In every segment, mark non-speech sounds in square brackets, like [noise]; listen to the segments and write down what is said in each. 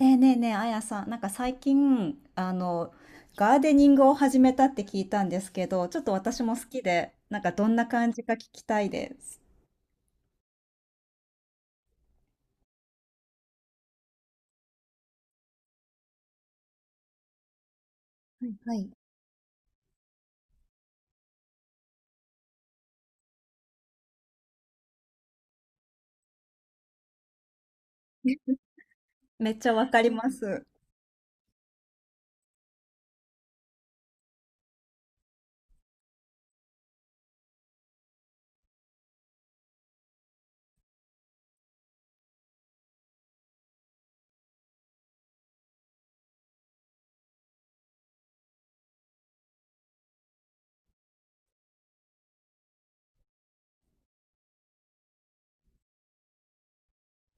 ねえねえねえ、あやさん、なんか最近、ガーデニングを始めたって聞いたんですけど、ちょっと私も好きで、なんかどんな感じか聞きたいです。はい。めっちゃわかります。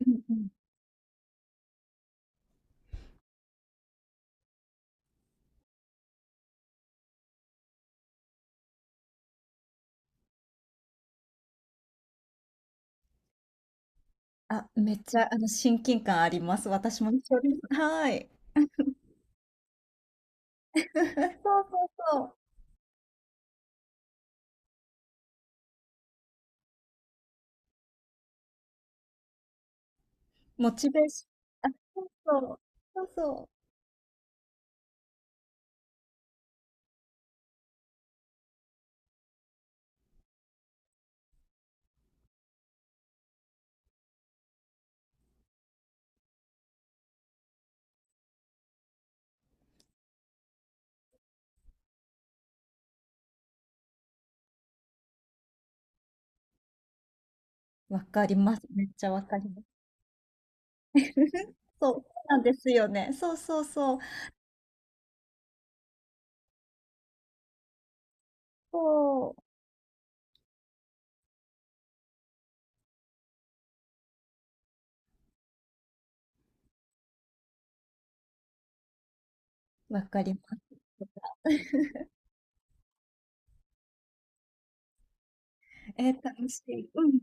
うんうん。あ、めっちゃ、親近感あります。私も一緒です。はい。[laughs] そうそうそう。モチベーション。あ、そうそう。そうそう、わかります。めっちゃわかります。[laughs] そう、そうなんですよね。そうそうそう。そう。わかります。えー、楽しい。うん。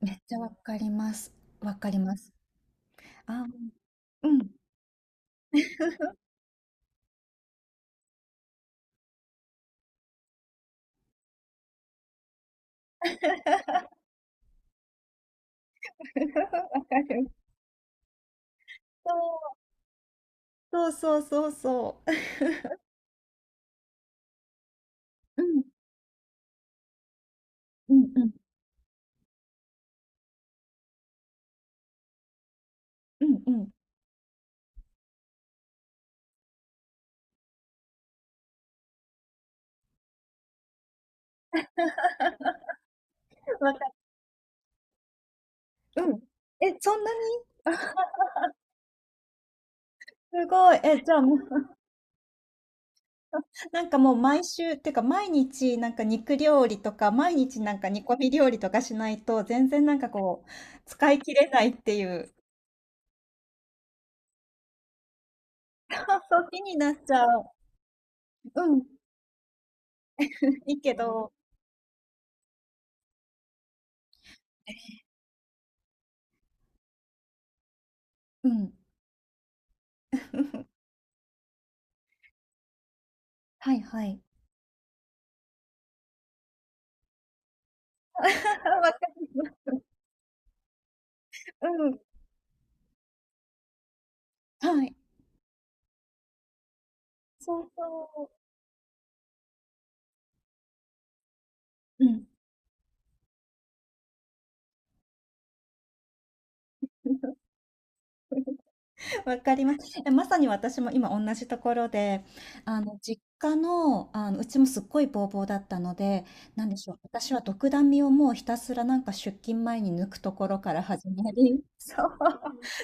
めっちゃわかります。わかります。あ、うん。[laughs] うん、わかる。そう、そうそうそうそう。うんうんうんうんうん。わかる。うん。え、そんなに。すごい。え、じゃあもう、[laughs] なんかもう毎週、てか毎日なんか肉料理とか、毎日なんか煮込み料理とかしないと、全然なんかこう、使い切れないっていう。[laughs] そうそう、気になっちゃう。うん。いいけど。うん。はいはい。[laughs] わかる。うん、はい。そうそう。うん。[laughs] わかります。え、まさに私も今同じところで、実家の、うちもすっごいボーボーだったので、なんでしょう。私は独壇身をもうひたすらなんか出勤前に抜くところから始まり、そう、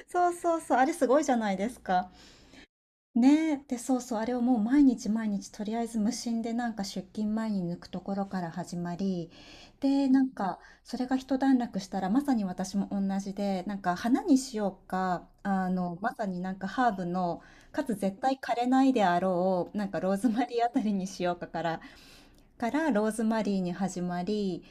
そうそうそう、あれすごいじゃないですか。ね、え、で、そうそう、あれをもう毎日毎日とりあえず無心でなんか出勤前に抜くところから始まり、で、なんかそれが一段落したらまさに私も同じで、なんか花にしようか、まさになんかハーブの、かつ絶対枯れないであろう、なんかローズマリーあたりにしようかから、からローズマリーに始まり、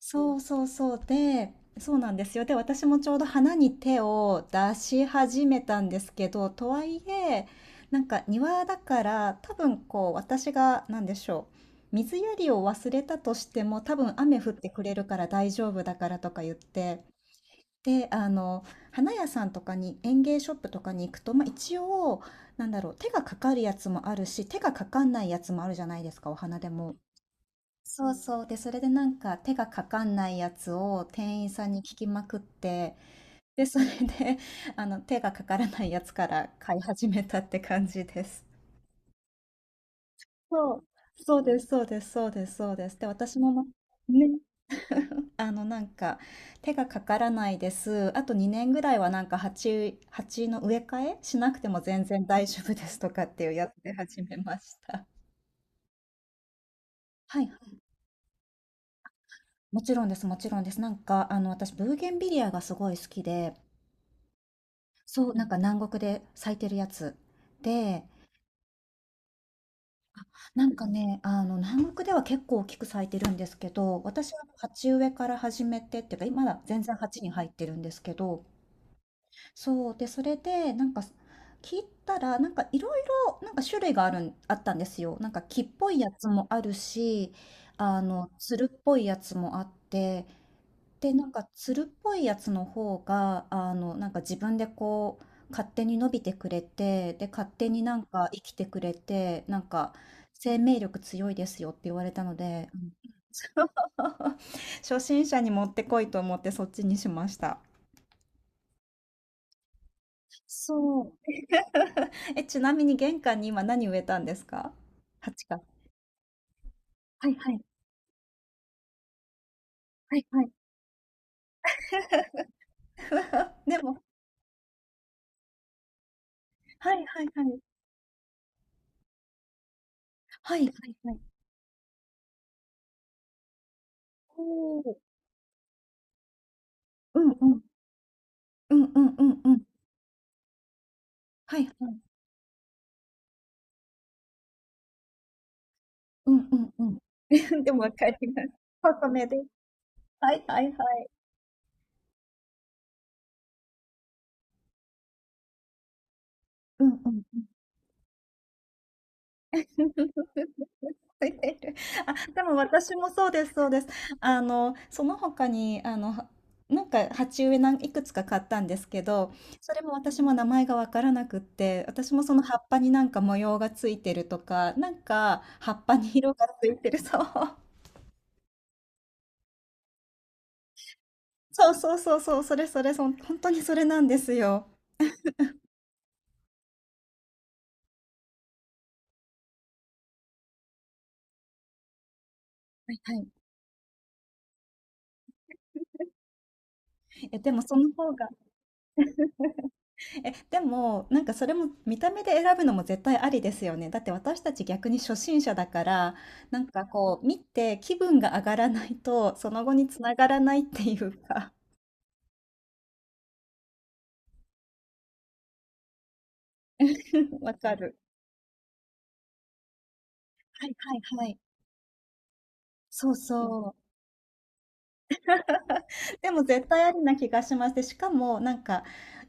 そうそうそう。で、そうなんですよ。で、私もちょうど花に手を出し始めたんですけど、とはいえ、なんか庭だから多分こう私が何でしょう。水やりを忘れたとしても多分雨降ってくれるから大丈夫だからとか言って。で、花屋さんとかに園芸ショップとかに行くと、まあ、一応、なんだろう、手がかかるやつもあるし、手がかかんないやつもあるじゃないですか、お花でも。そうそう。で、それでなんか手がかかんないやつを店員さんに聞きまくって、で、それで、[laughs] 手がかからないやつから買い始めたって感じです。そう、そうです、そうです、そうです、そうです。で、私もね、なんか、手がかからないです。あと2年ぐらいはなんか鉢の植え替えしなくても全然大丈夫ですとかっていうやつで始めました。はい、もちろんです、もちろんです。なんか、私、ブーゲンビリアがすごい好きで、そう、なんん。か南国で咲いてるやつ。で、南国では結構大きく咲いてるんですけど、私は鉢植えから始めてっていうか、今だ全然鉢に入ってるんですけど、そう、で、それで、なんか、切ったら、なんかいろいろ、なんか種類があるん、あったんですよ。なんか木っぽいやつもあるし、つるっぽいやつもあって、で、なんか、つるっぽいやつの方が、なんか自分でこう、勝手に伸びてくれて、で、勝手になんか生きてくれて、なんか、生命力強いですよって言われたので、うん。 [laughs] 初心者にもってこいと思ってそっちにしました。そう。え、ちなみに玄関に今何植えたんですか？鉢か。はいはい。はいはい。[laughs] でも、はいはいはい。はいはいはい。おお。うんうん。うんうんうんうん。はいはい。うんうんうん。[laughs] でもわかります。細めで。はいはいはい。うんうんうん。[laughs] 覚えてる？あ、でも私もそうですそうです。その他に、なんか鉢植えなん、いくつか買ったんですけど、それも私も名前がわからなくって、私もその葉っぱになんか模様がついてるとか、なんか葉っぱに色がついてる、そう。[laughs] そうそうそうそう、それそれ、そん本当にそれなんですよ。はいはい。え、でもその方が、え、でも、なんかそれも見た目で選ぶのも絶対ありですよね。だって私たち逆に初心者だから、なんかこう見て気分が上がらないと、その後につながらないっていうか、[laughs] わかる。はいはいはい。そうそう。でも絶対ありな気がしまして、しかもなんか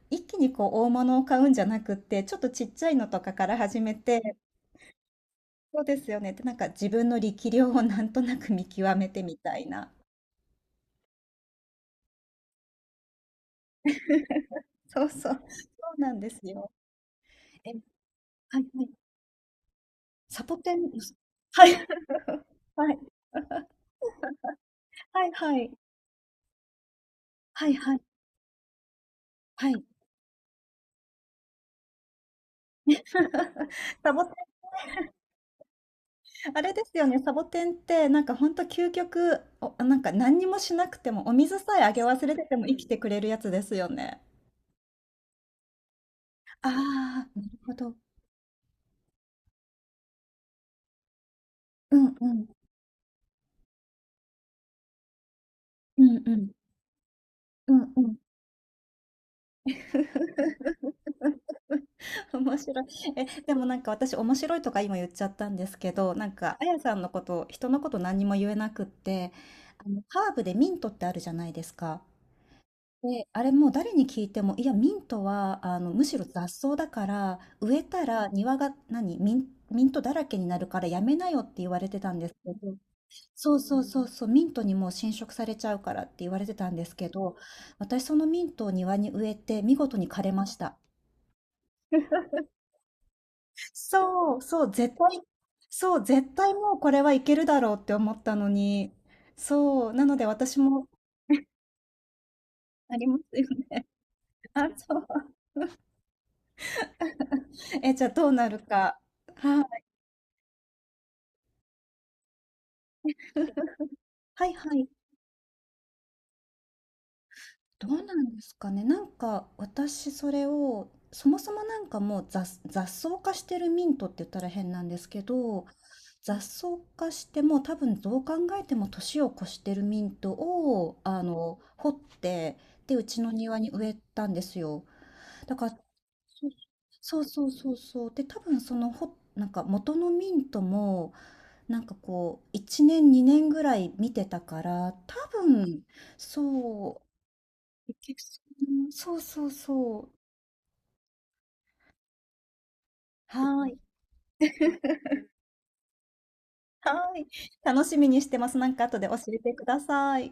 一気にこう大物を買うんじゃなくって、ちょっとちっちゃいのとかから始めて、そうですよね。で、なんか自分の力量をなんとなく見極めてみたいな。そうそう。そうなんですよ。え、はいはい。サボテン、すはい。[laughs] はい。[laughs] はいはい。はいはい。はい。[laughs] サボテン。あれですよね、サボテンってなんかほんと究極、お、なんか何にもしなくても、お水さえあげ忘れてても生きてくれるやつですよね。ああ、なるほど。うんうん。うんうん。うんうん。[laughs] [laughs] 面白い。え、でもなんか私面白いとか今言っちゃったんですけど、なんかあやさんのこと、人のこと何にも言えなくって、ハーブでミントってあるじゃないですか。で、あれもう誰に聞いても、いや、ミントは、むしろ雑草だから、植えたら庭が、何、ミントだらけになるからやめなよって言われてたんですけど、そうそうそうそう、ミントにもう侵食されちゃうからって言われてたんですけど、私そのミントを庭に植えて見事に枯れました。そう、そう、絶対、そう、絶対もうこれはいけるだろうって思ったのに、そう、なので私も、ありますよね。[laughs] あ、そう。え、じゃあどうなるか。はいはいはい。どうなんですかね。なんか私それを、そもそもなんかもう雑草化してるミントって言ったら変なんですけど、雑草化してもう多分どう考えても年を越してるミントを、掘って、で、うちの庭に植えたんですよ。だから、そうそうそうそう、で、多分そのほ、なんか元のミントも、なんかこう、1年、2年ぐらい見てたから、多分、そう、いけそう、そうそうそうはーい。はーい。[laughs] 楽しみにしてます。なんか後で教えてください。